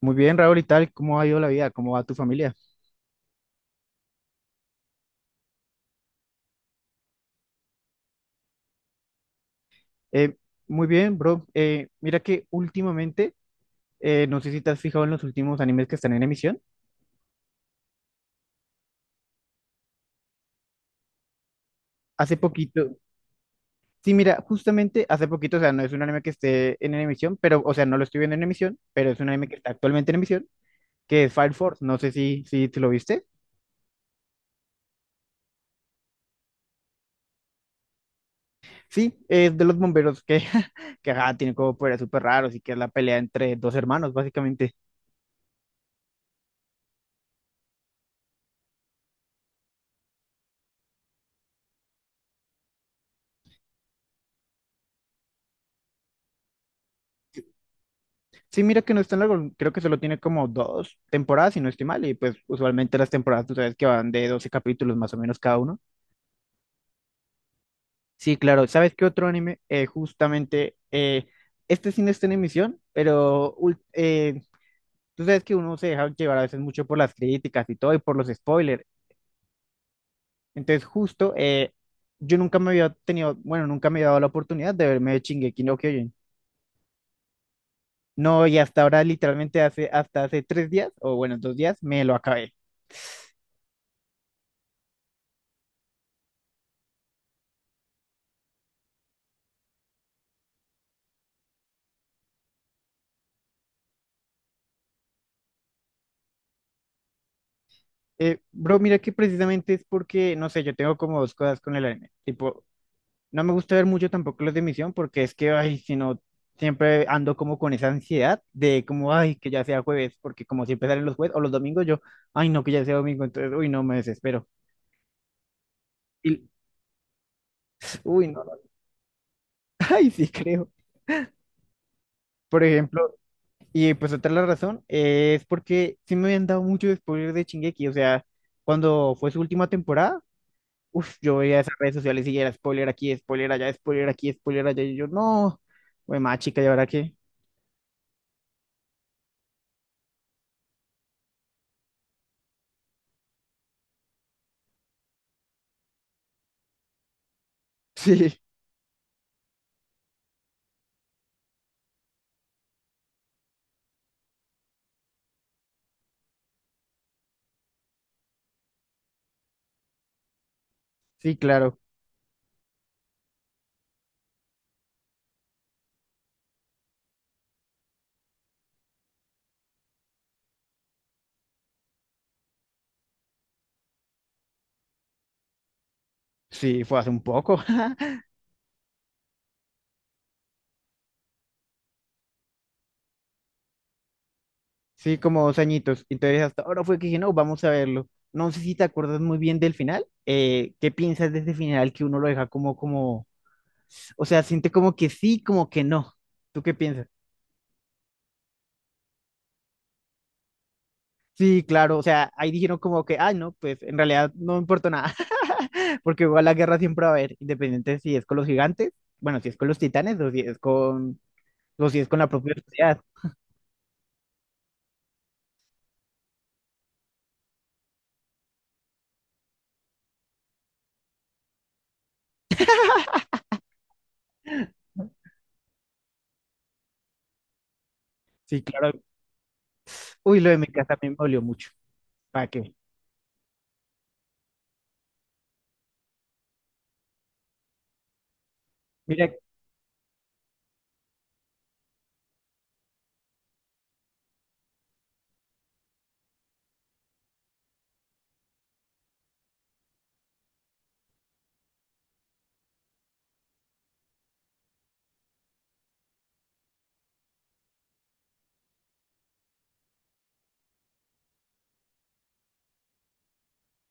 Muy bien, Raúl, ¿y tal? ¿Cómo ha ido la vida? ¿Cómo va tu familia? Eh, Muy bien, bro. Mira que últimamente, no sé si te has fijado en los últimos animes que están en emisión. Hace poquito, sí, mira, justamente hace poquito, o sea, no es un anime que esté en emisión, pero, o sea, no lo estoy viendo en emisión, pero es un anime que está actualmente en emisión, que es Fire Force. No sé si te lo viste. Sí, es de los bomberos que, que ajá, tienen como poderes súper raros y que es la pelea entre dos hermanos, básicamente. Sí, mira que no es tan largo, creo que solo tiene como dos temporadas, si no estoy mal, y pues usualmente las temporadas, tú sabes que van de 12 capítulos más o menos cada uno. Sí, claro, ¿sabes qué otro anime? Justamente, este sí no está en emisión, pero tú sabes que uno se deja llevar a veces mucho por las críticas y todo, y por los spoilers. Entonces, justo, yo nunca me había tenido, bueno, nunca me había dado la oportunidad de verme Shingeki no Kyojin. No, y hasta ahora, literalmente hace, hasta hace 3 días, o bueno, 2 días, me lo acabé. Bro, mira que precisamente es porque, no sé, yo tengo como dos cosas con el anime. Tipo, no me gusta ver mucho tampoco los de misión porque es que, ay, si no, siempre ando como con esa ansiedad de como, ay, que ya sea jueves, porque como siempre salen los jueves o los domingos, yo, ay, no, que ya sea domingo, entonces, uy, no, me desespero. Y, uy, no, ay, sí, creo. Por ejemplo, y pues otra la razón es porque sí me habían dado mucho spoiler de Shingeki, o sea, cuando fue su última temporada. Uf, yo veía esas redes sociales y era spoiler aquí, spoiler allá, spoiler aquí, spoiler allá. Y yo, no, güey, más chica, ¿y ahora qué? Sí, sí, claro. Sí, fue hace un poco. Sí, como dos añitos. Entonces, hasta ahora fue que dije, no, vamos a verlo. No sé si te acuerdas muy bien del final. ¿Qué piensas de ese final que uno lo deja como, o sea, siente como que sí, como que no? ¿Tú qué piensas? Sí, claro, o sea, ahí dijeron como que, ay, no, pues en realidad no importa nada. Porque igual la guerra siempre va a haber, independiente si es con los gigantes, bueno, si es con los titanes o si es con, o si es con la propia sociedad. Sí, claro. Uy, lo de mi casa también me dolió mucho. ¿Para qué? Mira,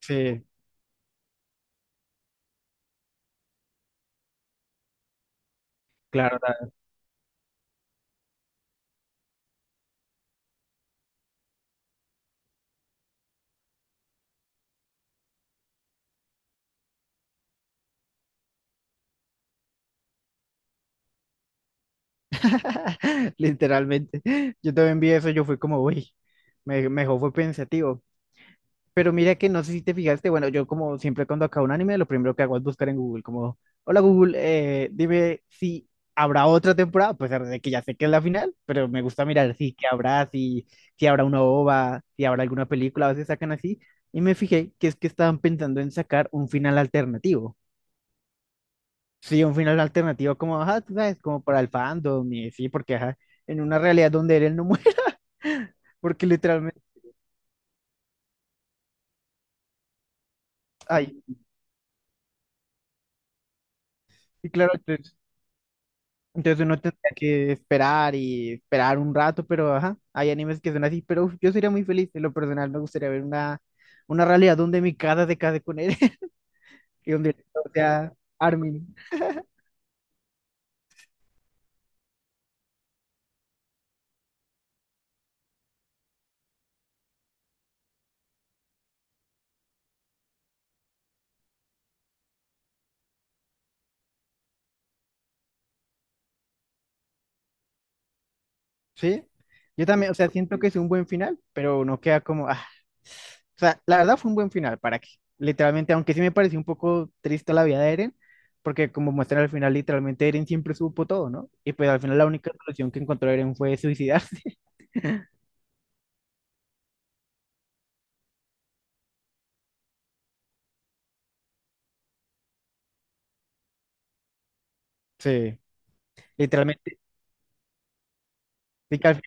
sí, claro, literalmente. Yo también vi eso, yo fui como, uy, me dejó, fue pensativo. Pero mira que no sé si te fijaste, bueno, yo como siempre cuando acabo un anime, lo primero que hago es buscar en Google, como, hola Google, dime si habrá otra temporada, pues, a pesar de que ya sé que es la final, pero me gusta mirar si que habrá, si habrá una OVA, si habrá alguna película, a veces sacan así, y me fijé que es que estaban pensando en sacar un final alternativo. Sí, un final alternativo como, ajá, tú sabes, como para el fandom, y sí, porque ajá, en una realidad donde él no muere, porque literalmente, ay, y claro, entonces uno tendría que esperar y esperar un rato, pero ajá, hay animes que son así, pero uf, yo sería muy feliz, en lo personal me gustaría ver una realidad donde mi casa se case con él y un director sea Armin, ¿sí? Yo también, o sea, siento que es un buen final, pero no queda como, ah, o sea, la verdad fue un buen final, ¿para qué? Literalmente, aunque sí me pareció un poco triste la vida de Eren, porque como muestran al final, literalmente Eren siempre supo todo, ¿no? Y pues al final la única solución que encontró Eren fue suicidarse. Sí, literalmente, sí que al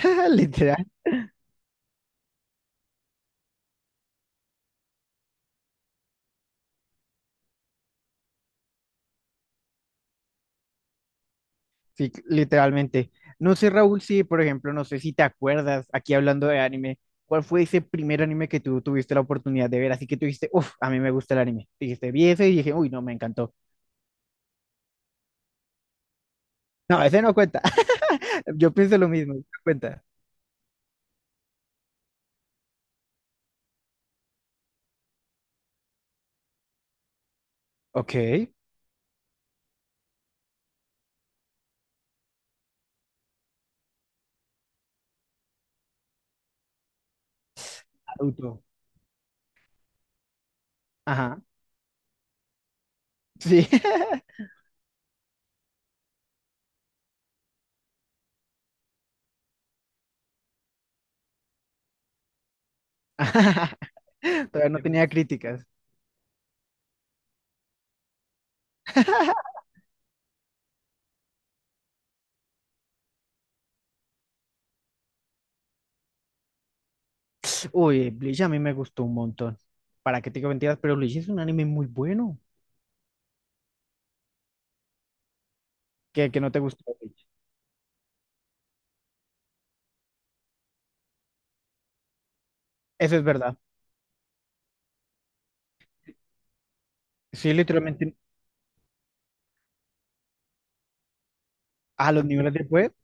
final- literal. Sí, literalmente. No sé, Raúl, si, por ejemplo, no sé si te acuerdas, aquí hablando de anime, ¿cuál fue ese primer anime que tú tuviste la oportunidad de ver? Así que tú dijiste, uff, a mí me gusta el anime. Dijiste, vi ese y dije, uy, no, me encantó. No, ese no cuenta. Yo pienso lo mismo, no cuenta. Ok. Auto. Ajá. Sí. Todavía no tenía críticas. Uy, Bleach a mí me gustó un montón. ¿Para qué te digo mentiras? Pero Bleach es un anime muy bueno. Que no te gustó Bleach. Eso es verdad. Sí, literalmente. A los niveles de web,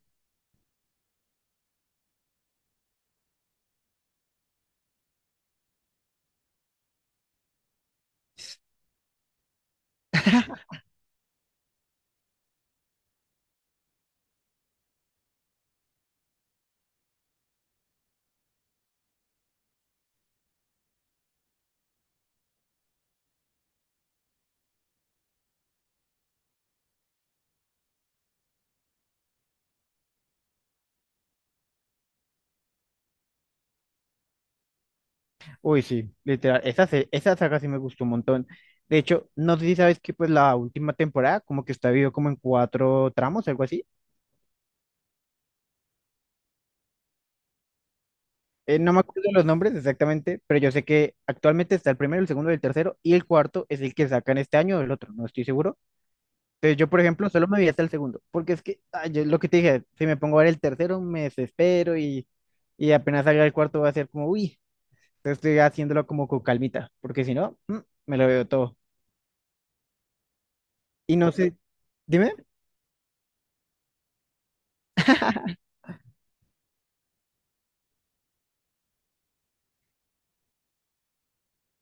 uy, sí, literal, esa saga sí me gustó un montón. De hecho, no sé si sabes que pues la última temporada como que está dividido como en cuatro tramos, algo así. No me acuerdo los nombres exactamente, pero yo sé que actualmente está el primero, el segundo, el tercero y el cuarto es el que sacan este año o el otro, no estoy seguro. Entonces yo, por ejemplo, solo me vi hasta el segundo, porque es que, ay, lo que te dije, si me pongo a ver el tercero me desespero y apenas salga el cuarto va a ser como, uy, entonces estoy haciéndolo como con calmita, porque si no, mm, me lo veo todo. Y no sé, dime.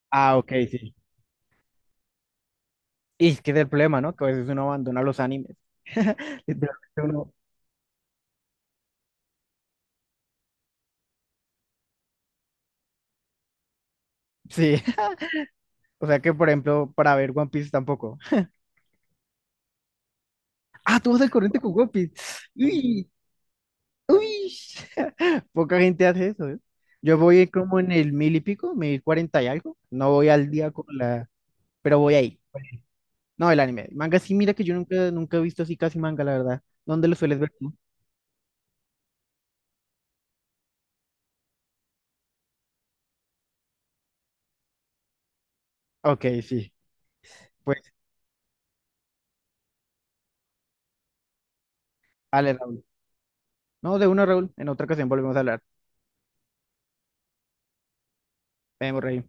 Ah, ok, sí. Y es que es el problema, ¿no? Que a veces uno abandona los animes. Literalmente uno. Sí. O sea que, por ejemplo, para ver One Piece tampoco. Ah, tú vas al corriente con One Piece. Uy, uy. Poca gente hace eso, ¿eh? Yo voy como en el mil y pico, 1040 y algo. No voy al día con la. Pero voy ahí. No, el anime. Manga sí, mira que yo nunca he visto así casi manga, la verdad. ¿Dónde lo sueles ver tú? Ok, sí. Pues, dale, Raúl. No, de uno, Raúl. En otra ocasión volvemos a hablar. Vemos, Rey.